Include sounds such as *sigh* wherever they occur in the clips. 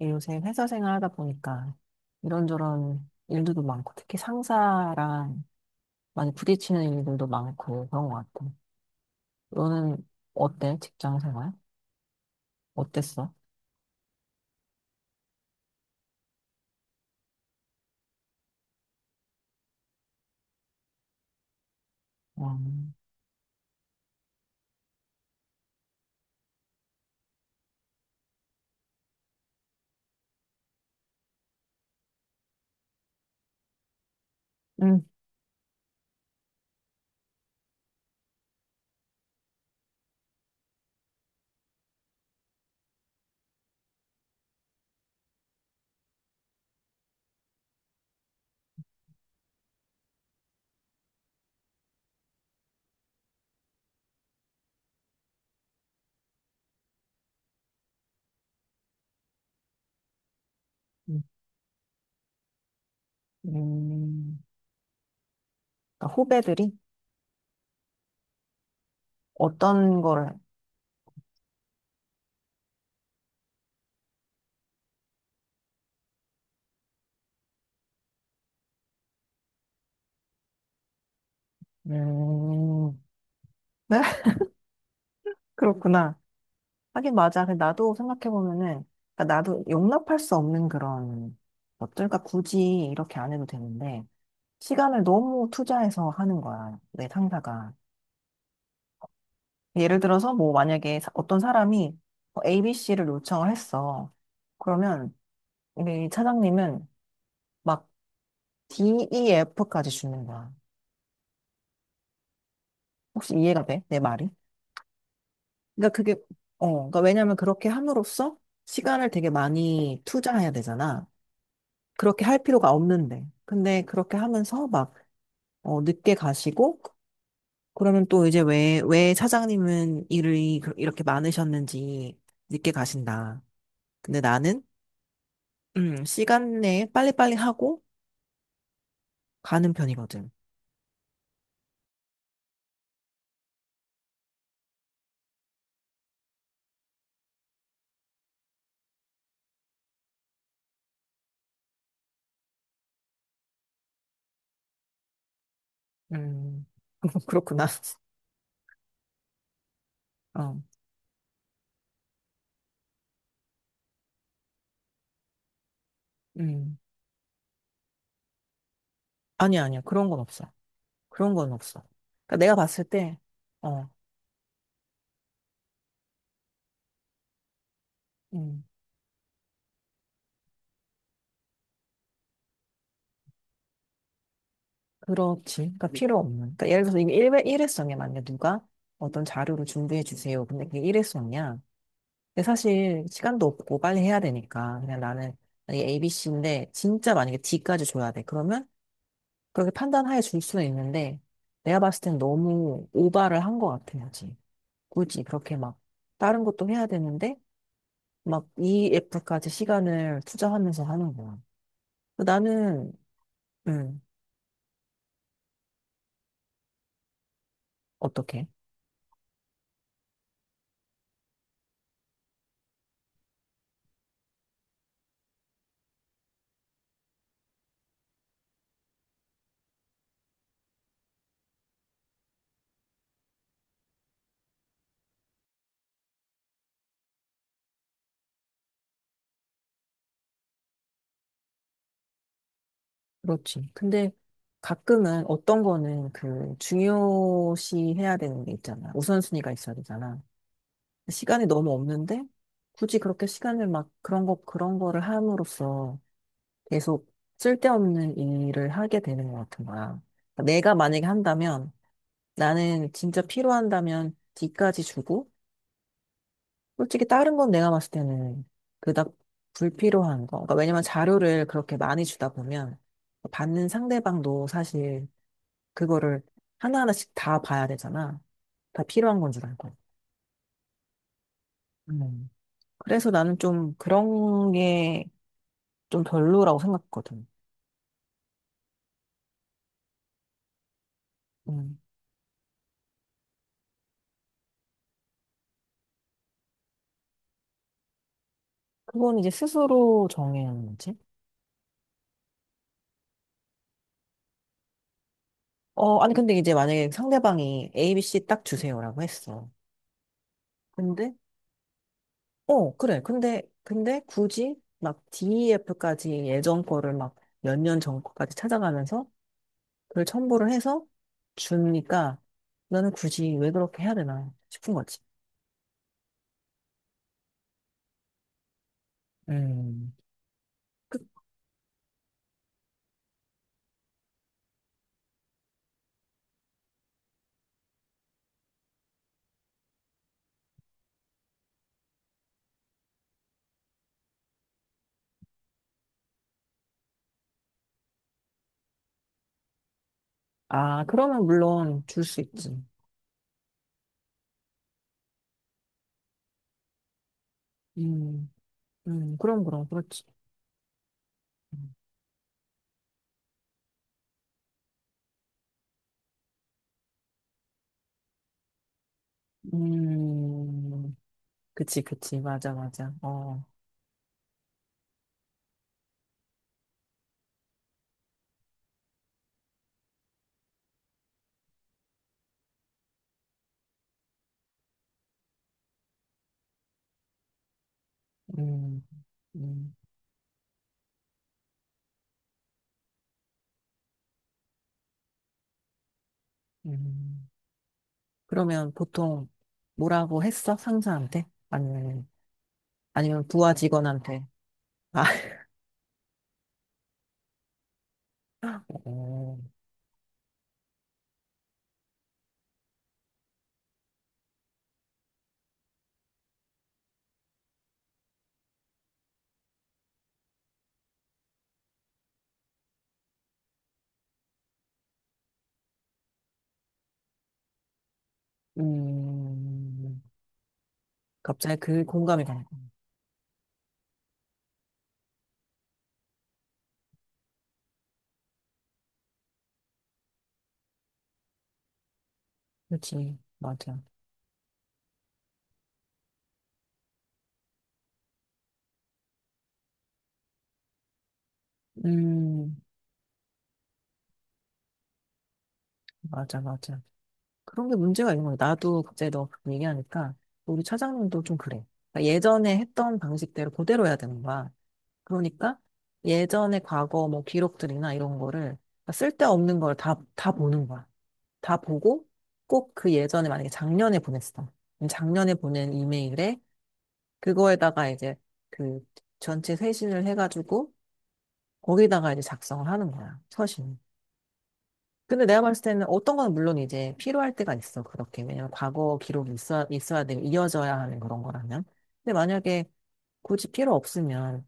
예, 요새 회사 생활하다 보니까 이런저런 일들도 많고 특히 상사랑 많이 부딪히는 일들도 많고 그런 것 같아. 너는 어때? 직장 생활? 어땠어? 음, 음, 음, 음. 그러니까 후배들이 어떤 거를 음, 네? *laughs* 그렇구나. 하긴 맞아. 근데 나도 생각해 보면은 나도 용납할 수 없는 그런 것들. 그러니까 굳이 이렇게 안 해도 되는데. 시간을 너무 투자해서 하는 거야, 내 상사가. 예를 들어서 뭐 만약에 어떤 사람이 ABC를 요청을 했어. 그러면 우리 차장님은 막 D, E, F까지 주는 거야. 혹시 이해가 돼? 내 말이? 그러니까 그게 그러니까 왜냐면 그렇게 함으로써 시간을 되게 많이 투자해야 되잖아. 그렇게 할 필요가 없는데. 근데 그렇게 하면서 막 늦게 가시고, 그러면 또 이제 왜 차장님은 일이 이렇게 많으셨는지 늦게 가신다. 근데 나는 시간 내에 빨리빨리 하고 가는 편이거든. 음, *laughs* 그렇구나. 어, 음. 아니야, 아니야. 그런 건 없어. 그런 건 없어. 그러니까 내가 봤을 때, 어, 음, 그렇지. 그러니까 필요 없는. 그러니까 예를 들어서 이게 일회성이야. 만약에 누가 어떤 자료를 준비해 주세요. 근데 그게 일회성이야. 근데 사실 시간도 없고 빨리 해야 되니까. 그냥 나는, 만약에 ABC인데, 진짜 만약에 D까지 줘야 돼. 그러면 그렇게 판단하에 줄 수는 있는데, 내가 봤을 땐 너무 오바를 한 것 같아요. 지 굳이 그렇게 막, 다른 것도 해야 되는데, 막 EF까지 시간을 투자하면서 하는 거야. 나는, 음, 어떻게? 그렇지. 근데 가끔은 어떤 거는 그 중요시 해야 되는 게 있잖아. 우선순위가 있어야 되잖아. 시간이 너무 없는데, 굳이 그렇게 시간을 막 그런 거, 그런 거를 함으로써 계속 쓸데없는 일을 하게 되는 것 같은 거야. 그러니까 내가 만약에 한다면 나는 진짜 필요한다면 뒤까지 주고, 솔직히 다른 건 내가 봤을 때는 그닥 불필요한 거. 그러니까 왜냐면 자료를 그렇게 많이 주다 보면 받는 상대방도 사실 그거를 하나하나씩 다 봐야 되잖아. 다 필요한 건 줄 알고. 음. 그래서 나는 좀 그런 게 좀 별로라고 생각했거든. 음. 그건 이제 스스로 정해야 하는 문제? 아니, 근데 이제 만약에 상대방이 ABC 딱 주세요라고 했어. 근데, 어, 그래. 근데 굳이 막 DEF까지 예전 거를 막 몇 년 전 거까지 찾아가면서 그걸 첨부를 해서 주니까 나는 굳이 왜 그렇게 해야 되나 싶은 거지. 음. 그- 아, 그러면 물론 줄 수 있지. 음, 그럼, 그럼, 그렇지. 음, 그치, 그치. 맞아, 맞아. 어, 음, 음, 음. 그러면 보통 뭐라고 했어? 상사한테? 아니면 부하 직원한테? 아, *laughs* 어, 음, 갑자기 그 공감이 가네. 그렇지, 맞아. 음, 맞아, 맞아. 그런 게 문제가 있는 거야. 나도 갑자기 너 그렇게 얘기하니까 우리 차장님도 좀 그래. 그러니까 예전에 했던 방식대로 그대로 해야 되는 거야. 그러니까 예전에 과거 뭐 기록들이나 이런 거를, 쓸데없는 걸 다 보는 거야. 다 보고, 꼭 그 예전에 만약에 작년에 보냈어. 그럼 작년에 보낸 이메일에, 그거에다가 이제 그 전체 회신을 해가지고 거기다가 이제 작성을 하는 거야. 서신. 근데 내가 봤을 때는 어떤 거는 물론 이제 필요할 때가 있어. 그렇게. 왜냐면 과거 기록이 있어야 되고 이어져야 하는 그런 거라면. 근데 만약에 굳이 필요 없으면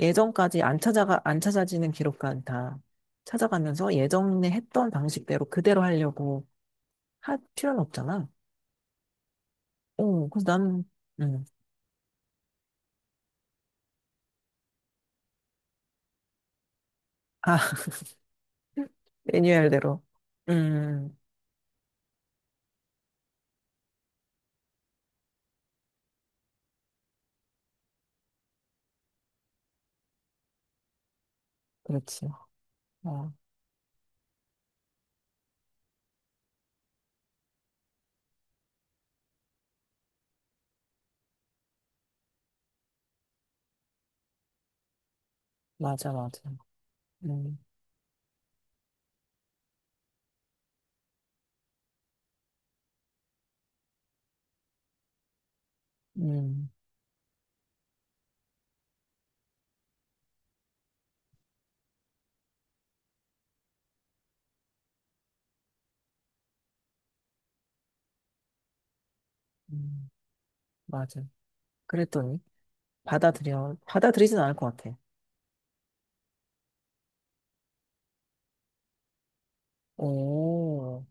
예전까지 안 찾아가, 안 찾아지는 기록까지 다 찾아가면서 예전에 했던 방식대로 그대로 하려고 할 필요는 없잖아. 그래서 나는, 음, 아, *laughs* 매뉴얼대로. 음, 그렇지. 아, 맞아, 맞아. 음, 음, 음, 맞아. 그랬더니, 받아들이진 않을 것 같아. 오,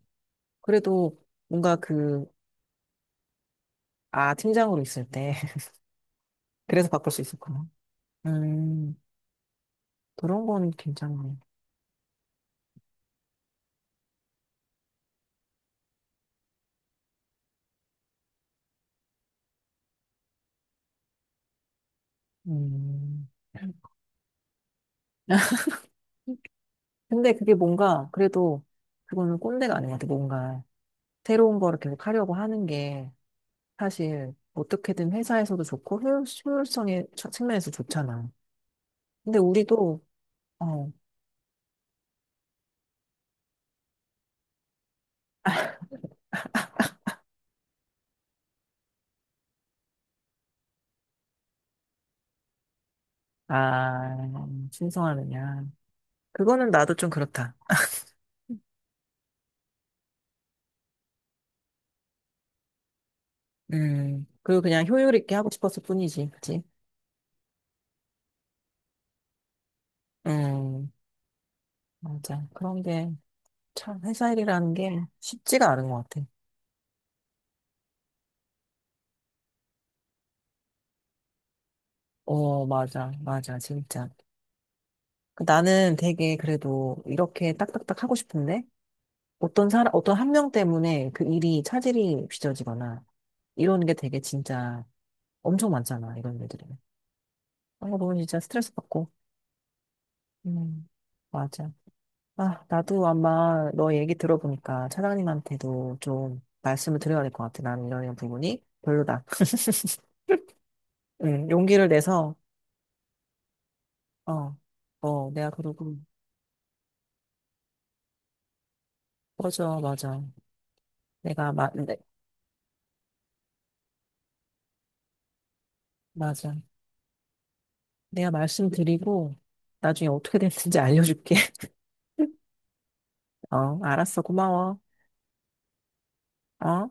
그래도 뭔가 그, 아, 팀장으로 있을 때, *laughs* 그래서 바꿀 수 있었구나. 음, 그런 건 괜찮네. 음. *laughs* 근데 그게 뭔가, 그래도, 그거는 꼰대가 아닌 것 같아. 뭔가 새로운 거를 계속 하려고 하는 게, 사실 어떻게든 회사에서도 좋고 효율성의 측면에서 좋잖아. 근데 우리도 어, 아, 신성하느냐. 그거는 나도 좀 그렇다. 그리고 그냥 효율 있게 하고 싶었을 뿐이지, 그치? 음, 맞아. 그런 게 참 회사 일이라는 게 쉽지가 않은 것 같아. 어, 맞아, 맞아, 진짜. 그 나는 되게 그래도 이렇게 딱딱딱 하고 싶은데, 어떤 사람, 어떤 한 명 때문에 그 일이 차질이 빚어지거나 이러는 게 되게 진짜 엄청 많잖아, 이런 애들이. 그런 거 보면 진짜 스트레스 받고. 음, 맞아. 아, 나도 아마 너 얘기 들어보니까 차장님한테도 좀 말씀을 드려야 될 것 같아. 나는 이런 이런 부분이 별로다. *laughs* 응, 용기를 내서, 어, 내가 그러고, 맞아, 맞아. 내가, 맞아. 내가 말씀드리고, 나중에 어떻게 됐는지 알려줄게. *laughs* 어, 알았어. 고마워. 어?